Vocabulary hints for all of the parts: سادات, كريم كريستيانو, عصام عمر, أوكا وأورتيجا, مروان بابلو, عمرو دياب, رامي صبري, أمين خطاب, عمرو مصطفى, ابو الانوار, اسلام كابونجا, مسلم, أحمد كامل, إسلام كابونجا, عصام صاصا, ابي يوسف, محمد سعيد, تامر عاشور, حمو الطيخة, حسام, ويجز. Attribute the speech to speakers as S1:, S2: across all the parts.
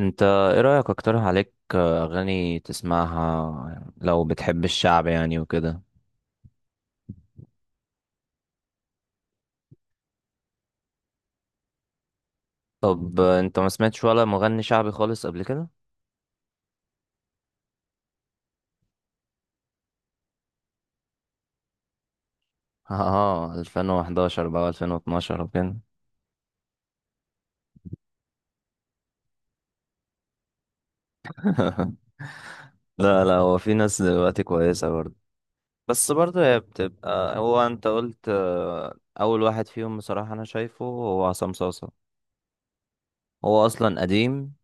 S1: انت ايه رأيك؟ اقترح عليك اغاني تسمعها لو بتحب الشعب يعني وكده. طب انت ما سمعتش ولا مغني شعبي خالص قبل كده؟ اه، 2011 بقى 2012 وكده. لا لا، هو في ناس دلوقتي كويسة برضه. بس برضه هي بتبقى، هو انت قلت، اول واحد فيهم بصراحة انا شايفه هو عصام صاصا. هو اصلا قديم.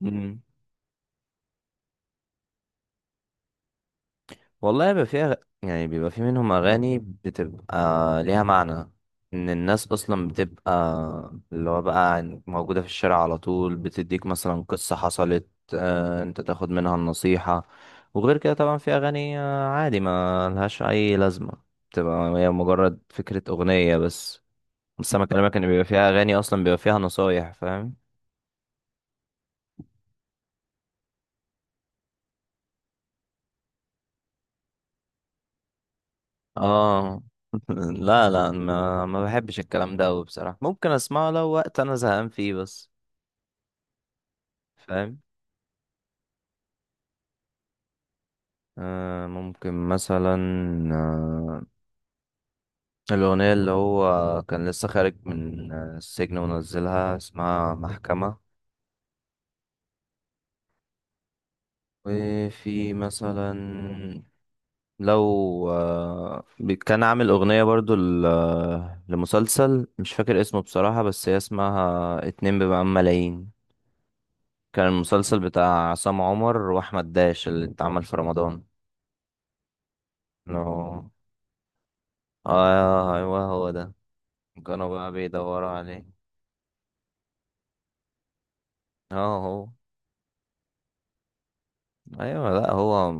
S1: مم. والله بيبقى فيها، يعني بيبقى في منهم أغاني بتبقى ليها معنى، إن الناس أصلا بتبقى اللي هو بقى موجودة في الشارع على طول، بتديك مثلا قصة حصلت، أنت تاخد منها النصيحة. وغير كده طبعا في أغاني عادي ما لهاش أي لازمة، بتبقى هي مجرد فكرة أغنية بس. بس أنا بكلمك إن بيبقى فيها أغاني أصلا بيبقى فيها نصايح، فاهم؟ اه. لا لا، ما بحبش الكلام ده أوي بصراحة، ممكن أسمعه لو وقت أنا زهقان فيه بس. فاهم. ممكن مثلا آه الأغنية اللي هو كان لسه خارج من السجن ونزلها، اسمها محكمة. وفي مثلا، لو كان عامل أغنية برضو لمسلسل مش فاكر اسمه بصراحة، بس هي اسمها اتنين بمقام ملايين. كان المسلسل بتاع عصام عمر وأحمد داش اللي اتعمل في رمضان. لو- آه، أيوه هو ده. كانوا بقى بيدوروا عليه. اه، هو. ايوه، لا هو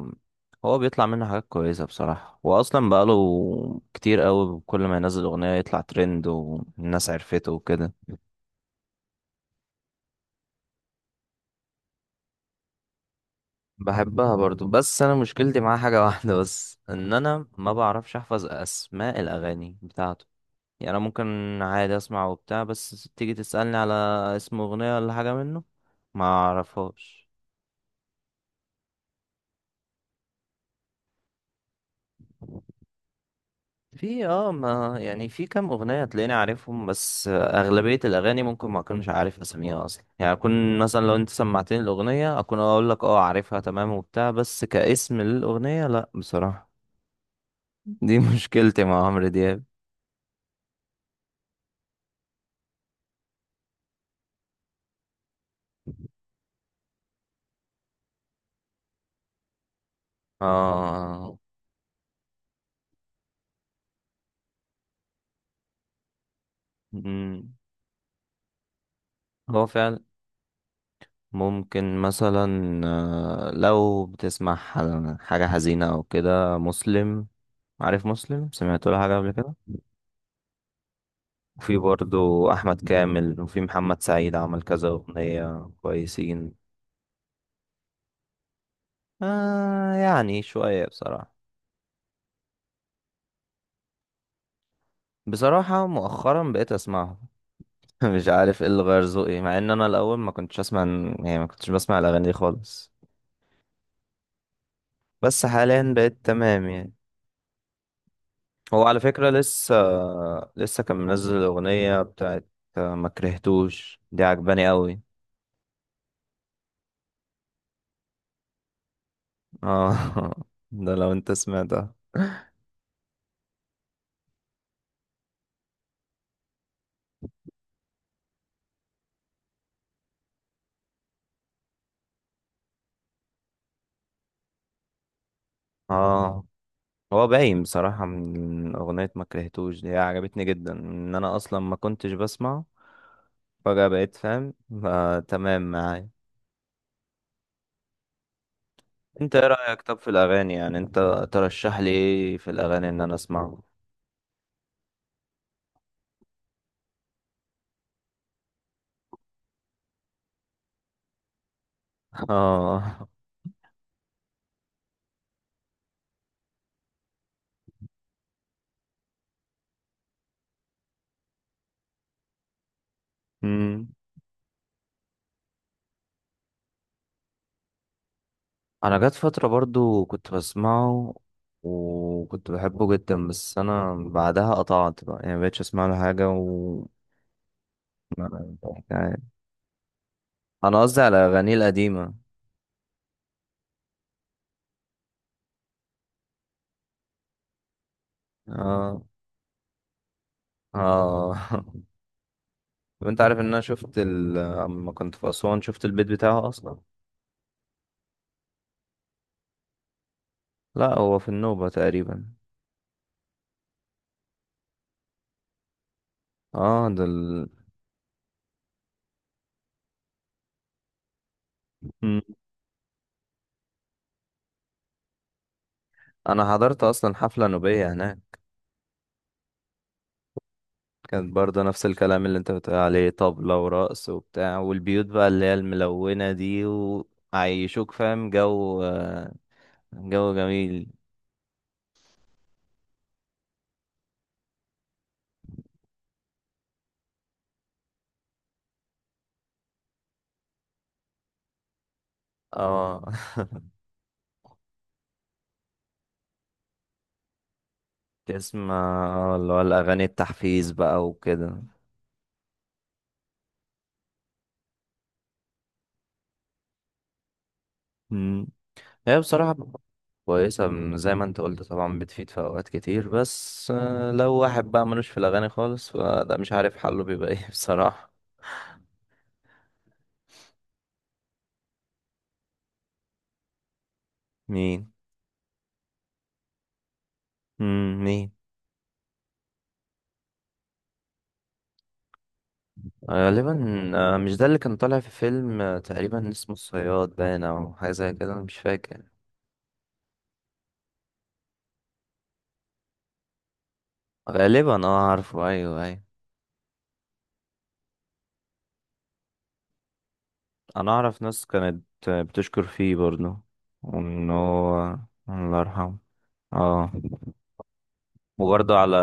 S1: هو بيطلع منه حاجات كويسه بصراحه، واصلا بقاله كتير قوي، كل ما ينزل اغنيه يطلع ترند والناس عرفته وكده. بحبها برضو، بس انا مشكلتي معاه حاجه واحده بس، ان انا ما بعرفش احفظ اسماء الاغاني بتاعته. يعني انا ممكن عادي اسمع وبتاع، بس تيجي تسالني على اسم اغنيه ولا حاجه منه ما اعرفهاش. في ما يعني في كام اغنيه تلاقيني عارفهم، بس اغلبيه الاغاني ممكن ما اكونش عارف اساميها اصلا، يعني اكون مثلا لو انت سمعتني الاغنيه اكون اقول لك اه، عارفها تمام وبتاع، بس كاسم للاغنيه لا بصراحه. دي مشكلتي مع عمرو دياب. اه. مم. هو فعلا ممكن مثلا، لو بتسمع حاجه حزينه او كده، مسلم. عارف مسلم؟ سمعت له حاجه قبل كده. وفي برضو أحمد كامل، وفي محمد سعيد عمل كذا أغنية كويسين. آه، يعني شوية بصراحة. بصراحة مؤخرا بقيت أسمعهم. مش عارف ايه اللي غير ذوقي مع ان انا الاول ما كنتش اسمع. يعني ما كنتش بسمع الاغاني دي خالص. بس حاليا بقيت تمام يعني. هو على فكرة لسه كان منزل الاغنية بتاعت ما كرهتوش، دي عجباني قوي. اه. ده لو انت سمعتها. اه، هو باين بصراحة من أغنية ما كرهتوش، دي عجبتني جدا إن أنا أصلا ما كنتش بسمع. فجأة بقيت فاهم، فتمام معايا. أنت إيه رأيك طب في الأغاني؟ يعني أنت ترشح لي إيه في الأغاني إن أنا أسمعه؟ آه. أمم. أنا جات فترة برضو كنت بسمعه، وكنت بحبه جدا، بس أنا بعدها قطعت بقى يعني مبقتش أسمع له حاجة و... يعني أنا قصدي على أغانيه القديمة. آه. آه. طب انت عارف ان انا شفت اما كنت في اسوان شفت البيت بتاعه اصلا. لا، هو في النوبة تقريبا. اه، ده. مم. انا حضرت اصلا حفلة نوبية هناك. كانت برضه نفس الكلام اللي انت بتقول عليه، طبلة ورقص وبتاع، والبيوت بقى اللي هي الملونة دي. وعيشوك، فاهم؟ جو جميل. اه. تسمع اللي هو الاغاني التحفيز بقى وكده. هي بصراحة كويسة، زي ما انت قلت طبعا، بتفيد في أوقات كتير، بس لو واحد بقى ملوش في الأغاني خالص فده مش عارف حله بيبقى ايه بصراحة. مين؟ مين؟ غالبا. مش ده اللي كان طالع في فيلم تقريبا اسمه الصياد باين أو حاجة زي كده، أنا مش فاكر. غالبا. اه، عارفه. أيوه، أيوه. أنا أعرف ناس كانت بتشكر فيه برضه، وإن هو... الله يرحمه. اه. وبرضه على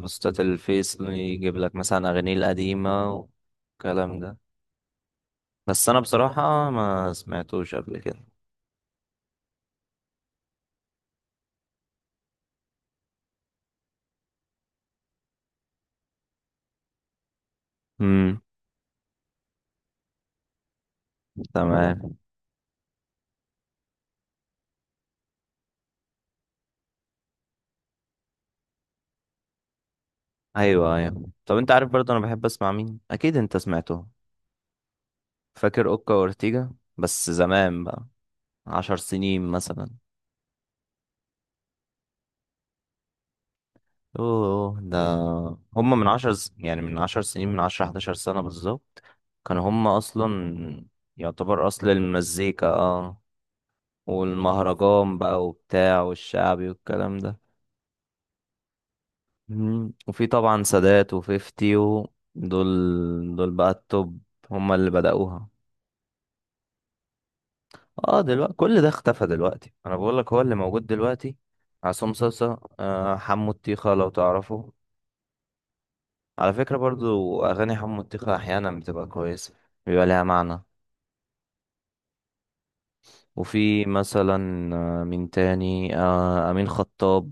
S1: بوستات الفيس يجيب لك مثلا أغانيه القديمة والكلام ده. بس أنا بصراحة ما سمعتوش قبل كده. امم. تمام. أيوه، أيوه. طب أنت عارف برضه أنا بحب أسمع مين؟ أكيد أنت سمعته. فاكر أوكا وأورتيجا؟ بس زمان بقى، 10 سنين مثلا. أوه، ده. هما يعني من 10 سنين، من عشرة حداشر سنة بالظبط، كانوا هما أصلا يعتبر أصل المزيكا. اه، والمهرجان بقى وبتاع والشعبي والكلام ده. مم. وفي طبعا سادات وفيفتي دول. دول بقى التوب، هما اللي بدأوها. اه، دلوقتي كل ده اختفى. دلوقتي انا بقول لك هو اللي موجود دلوقتي عصام صاصا، حمو الطيخة لو تعرفه. على فكرة برضو اغاني حمو الطيخة احيانا بتبقى كويسة، بيبقى لها معنى. وفي مثلا مين تاني؟ امين خطاب.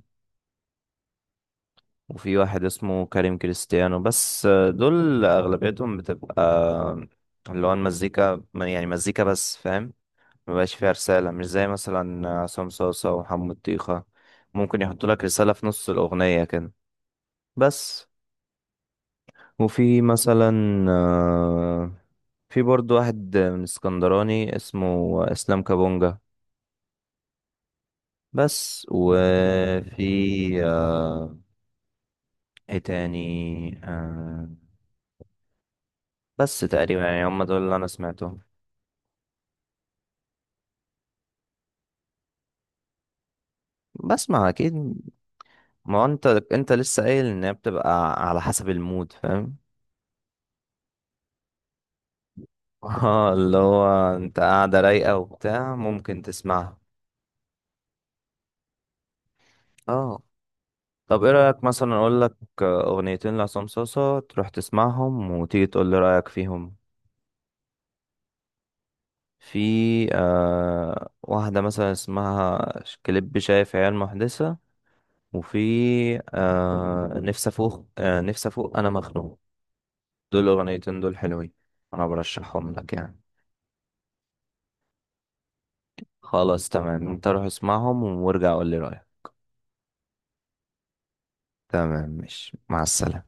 S1: وفي واحد اسمه كريم كريستيانو، بس دول أغلبيتهم بتبقى اللي هو المزيكا يعني مزيكا بس، فاهم. مبقاش فيها رسالة، مش زي مثلا عصام صاصة وحمو طيخة، ممكن يحطوا لك رسالة في نص الأغنية كده بس. وفي مثلا آه، في برضو واحد من اسكندراني اسمه إسلام كابونجا، بس وفي ايه تاني؟ آه، بس تقريبا يعني هم دول اللي أنا سمعتهم. بسمع اكيد. ما هو انت لسه قايل ان هي بتبقى على حسب المود، فاهم. اه، اللي هو انت قاعده رايقه وبتاع، ممكن تسمعها. اه. طب ايه رايك مثلا اقول لك اغنيتين لعصام صوصه تروح تسمعهم وتيجي تقول لي رايك فيهم؟ في واحده مثلا اسمها كليب شايف عيال محدثه. وفي آه نفسي افوق، آه نفسي افوق انا مخنوق. دول الاغنيتين دول حلوين، انا برشحهم لك يعني. خلاص تمام، انت روح اسمعهم وارجع قول لي رأيك. تمام، ماشي، مع السلامة.